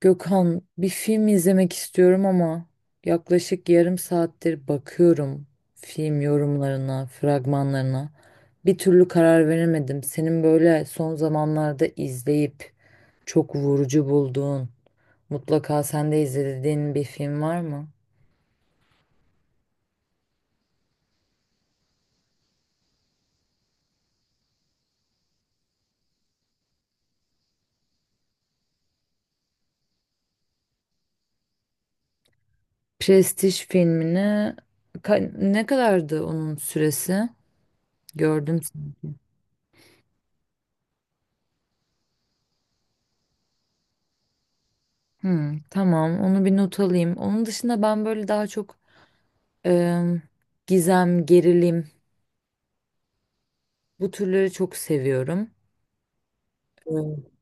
Gökhan, bir film izlemek istiyorum ama yaklaşık yarım saattir bakıyorum film yorumlarına, fragmanlarına. Bir türlü karar veremedim. Senin böyle son zamanlarda izleyip çok vurucu bulduğun, mutlaka sen de izlediğin bir film var mı? Prestij filmini ne kadardı onun süresi? Gördüm. Hmm, tamam, onu bir not alayım. Onun dışında ben böyle daha çok em, gizem, gerilim. Bu türleri çok seviyorum. Ee,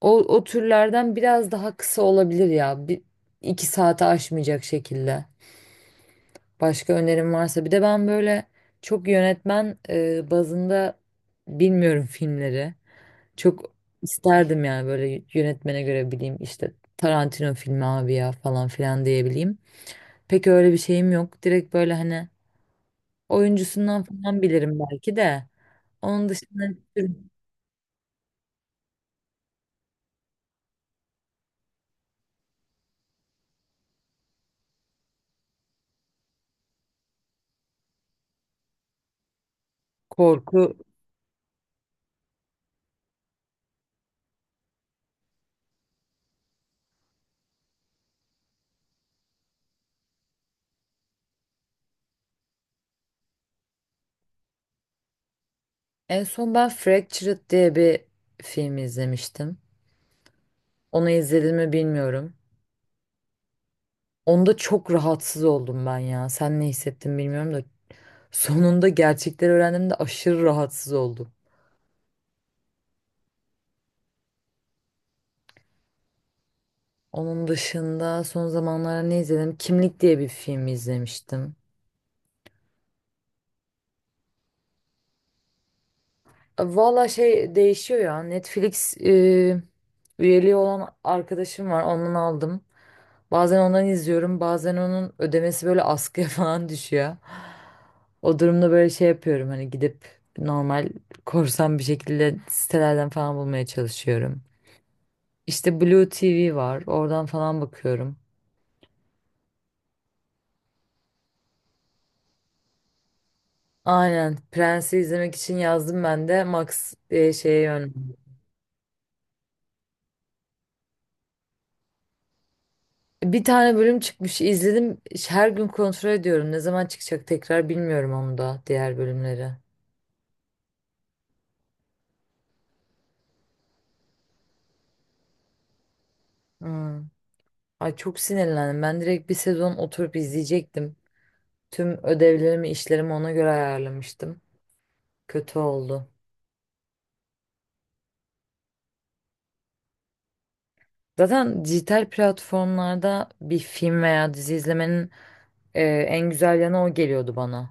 o türlerden biraz daha kısa olabilir ya. İki saate aşmayacak şekilde. Başka önerim varsa. Bir de ben böyle çok yönetmen bazında bilmiyorum filmleri. Çok isterdim yani böyle yönetmene göre bileyim işte Tarantino filmi abi ya falan filan diyebileyim. Pek öyle bir şeyim yok. Direkt böyle hani oyuncusundan falan bilirim belki de. Onun dışında bir tür korku. En son ben Fractured diye bir film izlemiştim. Onu izledim mi bilmiyorum. Onda çok rahatsız oldum ben ya. Sen ne hissettin bilmiyorum da. Sonunda gerçekleri öğrendiğimde aşırı rahatsız oldum. Onun dışında son zamanlarda ne izledim? Kimlik diye bir film izlemiştim. Valla şey değişiyor ya. Netflix üyeliği olan arkadaşım var. Ondan aldım. Bazen ondan izliyorum, bazen onun ödemesi böyle askıya falan düşüyor. O durumda böyle şey yapıyorum hani gidip normal, korsan bir şekilde sitelerden falan bulmaya çalışıyorum. İşte Blue TV var, oradan falan bakıyorum. Aynen, Prens'i izlemek için yazdım ben de Max diye şeye yönlendim. Bir tane bölüm çıkmış, izledim. Her gün kontrol ediyorum. Ne zaman çıkacak tekrar bilmiyorum onu da, diğer bölümleri. Hmm. Ay çok sinirlendim. Ben direkt bir sezon oturup izleyecektim. Tüm ödevlerimi, işlerimi ona göre ayarlamıştım. Kötü oldu. Zaten dijital platformlarda bir film veya dizi izlemenin en güzel yanı o geliyordu bana.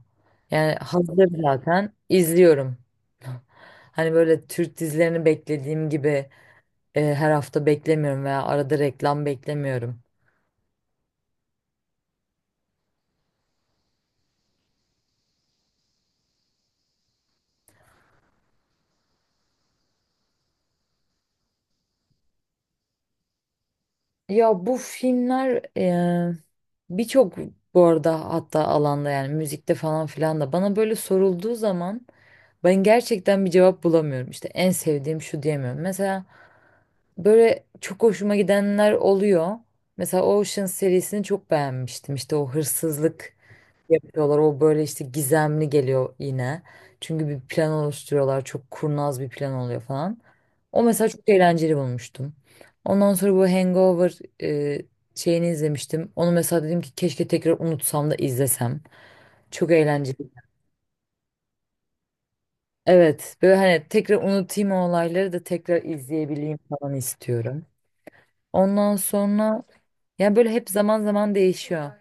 Yani hazır zaten izliyorum. Hani böyle Türk dizilerini beklediğim gibi her hafta beklemiyorum veya arada reklam beklemiyorum. Ya bu filmler birçok bu arada hatta alanda, yani müzikte falan filan da bana böyle sorulduğu zaman ben gerçekten bir cevap bulamıyorum. İşte en sevdiğim şu diyemiyorum. Mesela böyle çok hoşuma gidenler oluyor. Mesela Ocean serisini çok beğenmiştim. İşte o hırsızlık yapıyorlar. O böyle işte gizemli geliyor yine. Çünkü bir plan oluşturuyorlar. Çok kurnaz bir plan oluyor falan. O mesela çok eğlenceli bulmuştum. Ondan sonra bu Hangover şeyini izlemiştim. Onu mesela dedim ki keşke tekrar unutsam da izlesem. Çok eğlenceli. Evet, böyle hani tekrar unutayım o olayları da tekrar izleyebileyim falan istiyorum. Ondan sonra yani böyle hep zaman zaman değişiyor.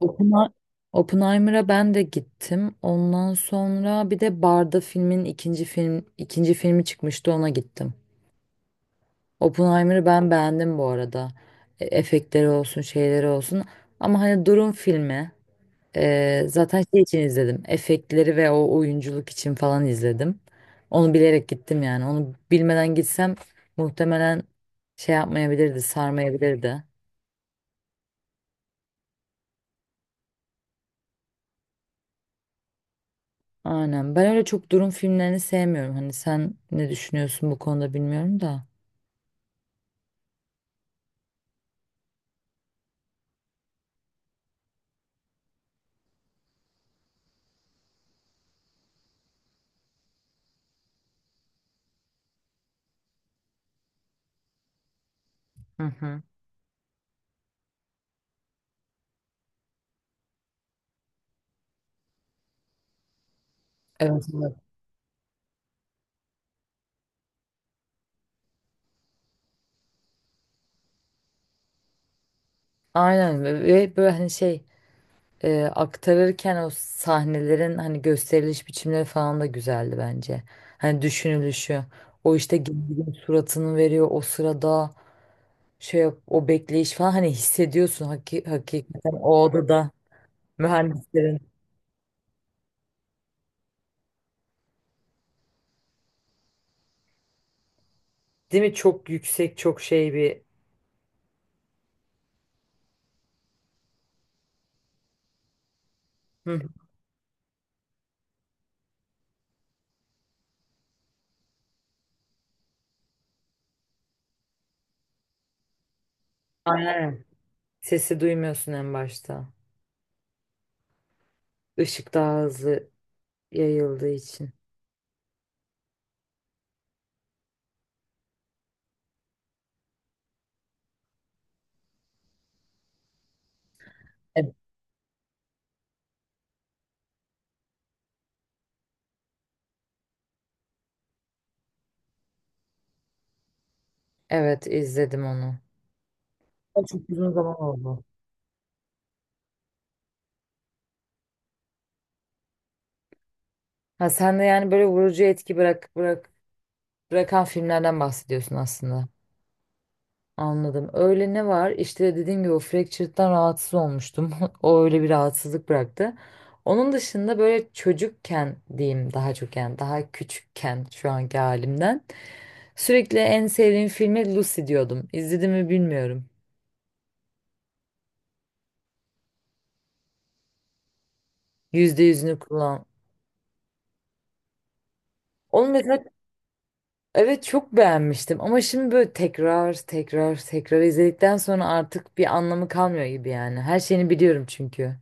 Oppena- Oppenheimer'a ben de gittim. Ondan sonra bir de Barda filmin ikinci film ikinci filmi çıkmıştı, ona gittim. Oppenheimer'ı ben beğendim bu arada. E, efektleri olsun, şeyleri olsun. Ama hani durum filmi. Zaten şey için izledim. Efektleri ve o oyunculuk için falan izledim. Onu bilerek gittim yani. Onu bilmeden gitsem muhtemelen şey yapmayabilirdi, sarmayabilirdi. Aynen. Ben öyle çok durum filmlerini sevmiyorum. Hani sen ne düşünüyorsun bu konuda bilmiyorum da. Hı hı. Evet, evet. Aynen. Ve böyle hani şey aktarırken o sahnelerin hani gösteriliş biçimleri falan da güzeldi bence. Hani düşünülüşü. O işte gezgin suratını veriyor o sırada, o bekleyiş falan hani hissediyorsun, hakikaten o odada mühendislerin, değil mi, çok yüksek çok şey bir. Hı. Aynen. Sesi duymuyorsun en başta. Işık daha hızlı yayıldığı için. Evet, evet izledim onu. Çok uzun zaman oldu. Ha, sen de yani böyle vurucu etki bırak bırak Bırakan filmlerden bahsediyorsun aslında. Anladım. Öyle ne var? İşte dediğim gibi o fractured'dan rahatsız olmuştum. O öyle bir rahatsızlık bıraktı. Onun dışında böyle çocukken diyeyim daha çok, yani daha küçükken şu anki halimden sürekli en sevdiğim filmi Lucy diyordum. İzledim mi bilmiyorum. Yüzde yüzünü kullan. Onu mesela evet çok beğenmiştim ama şimdi böyle tekrar tekrar tekrar izledikten sonra artık bir anlamı kalmıyor gibi yani. Her şeyini biliyorum çünkü.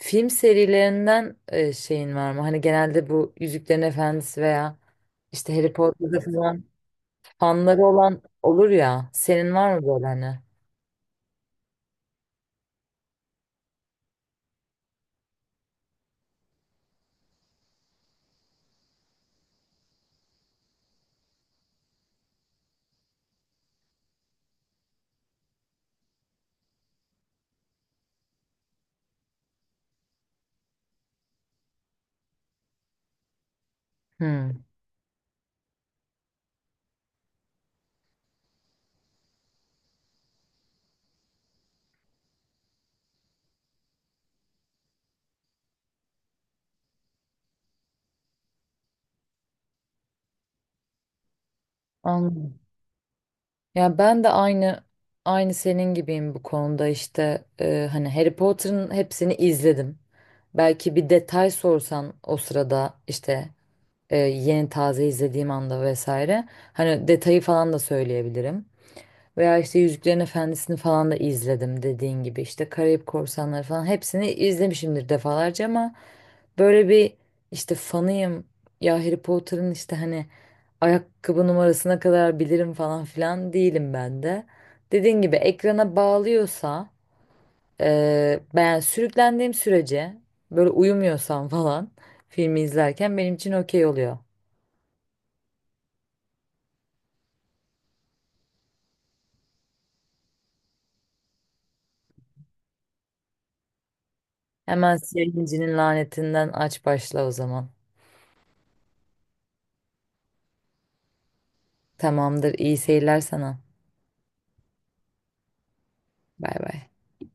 Film serilerinden şeyin var mı? Hani genelde bu Yüzüklerin Efendisi veya işte Harry Potter'da falan fanları olan olur ya. Senin var mı böyle hani? Hmm, anladım. Ya ben de aynı senin gibiyim bu konuda, işte hani Harry Potter'ın hepsini izledim. Belki bir detay sorsan o sırada işte yeni taze izlediğim anda vesaire hani detayı falan da söyleyebilirim. Veya işte Yüzüklerin Efendisi'ni falan da izledim dediğin gibi. İşte Karayip Korsanları falan hepsini izlemişimdir defalarca ama böyle bir işte fanıyım. Ya Harry Potter'ın işte hani ayakkabı numarasına kadar bilirim falan filan değilim ben de. Dediğin gibi ekrana bağlıyorsa ben yani sürüklendiğim sürece böyle uyumuyorsam falan filmi izlerken benim için okey oluyor. Hemen Siyah İnci'nin lanetinden aç başla o zaman. Tamamdır, iyi seyirler sana. Bay bay.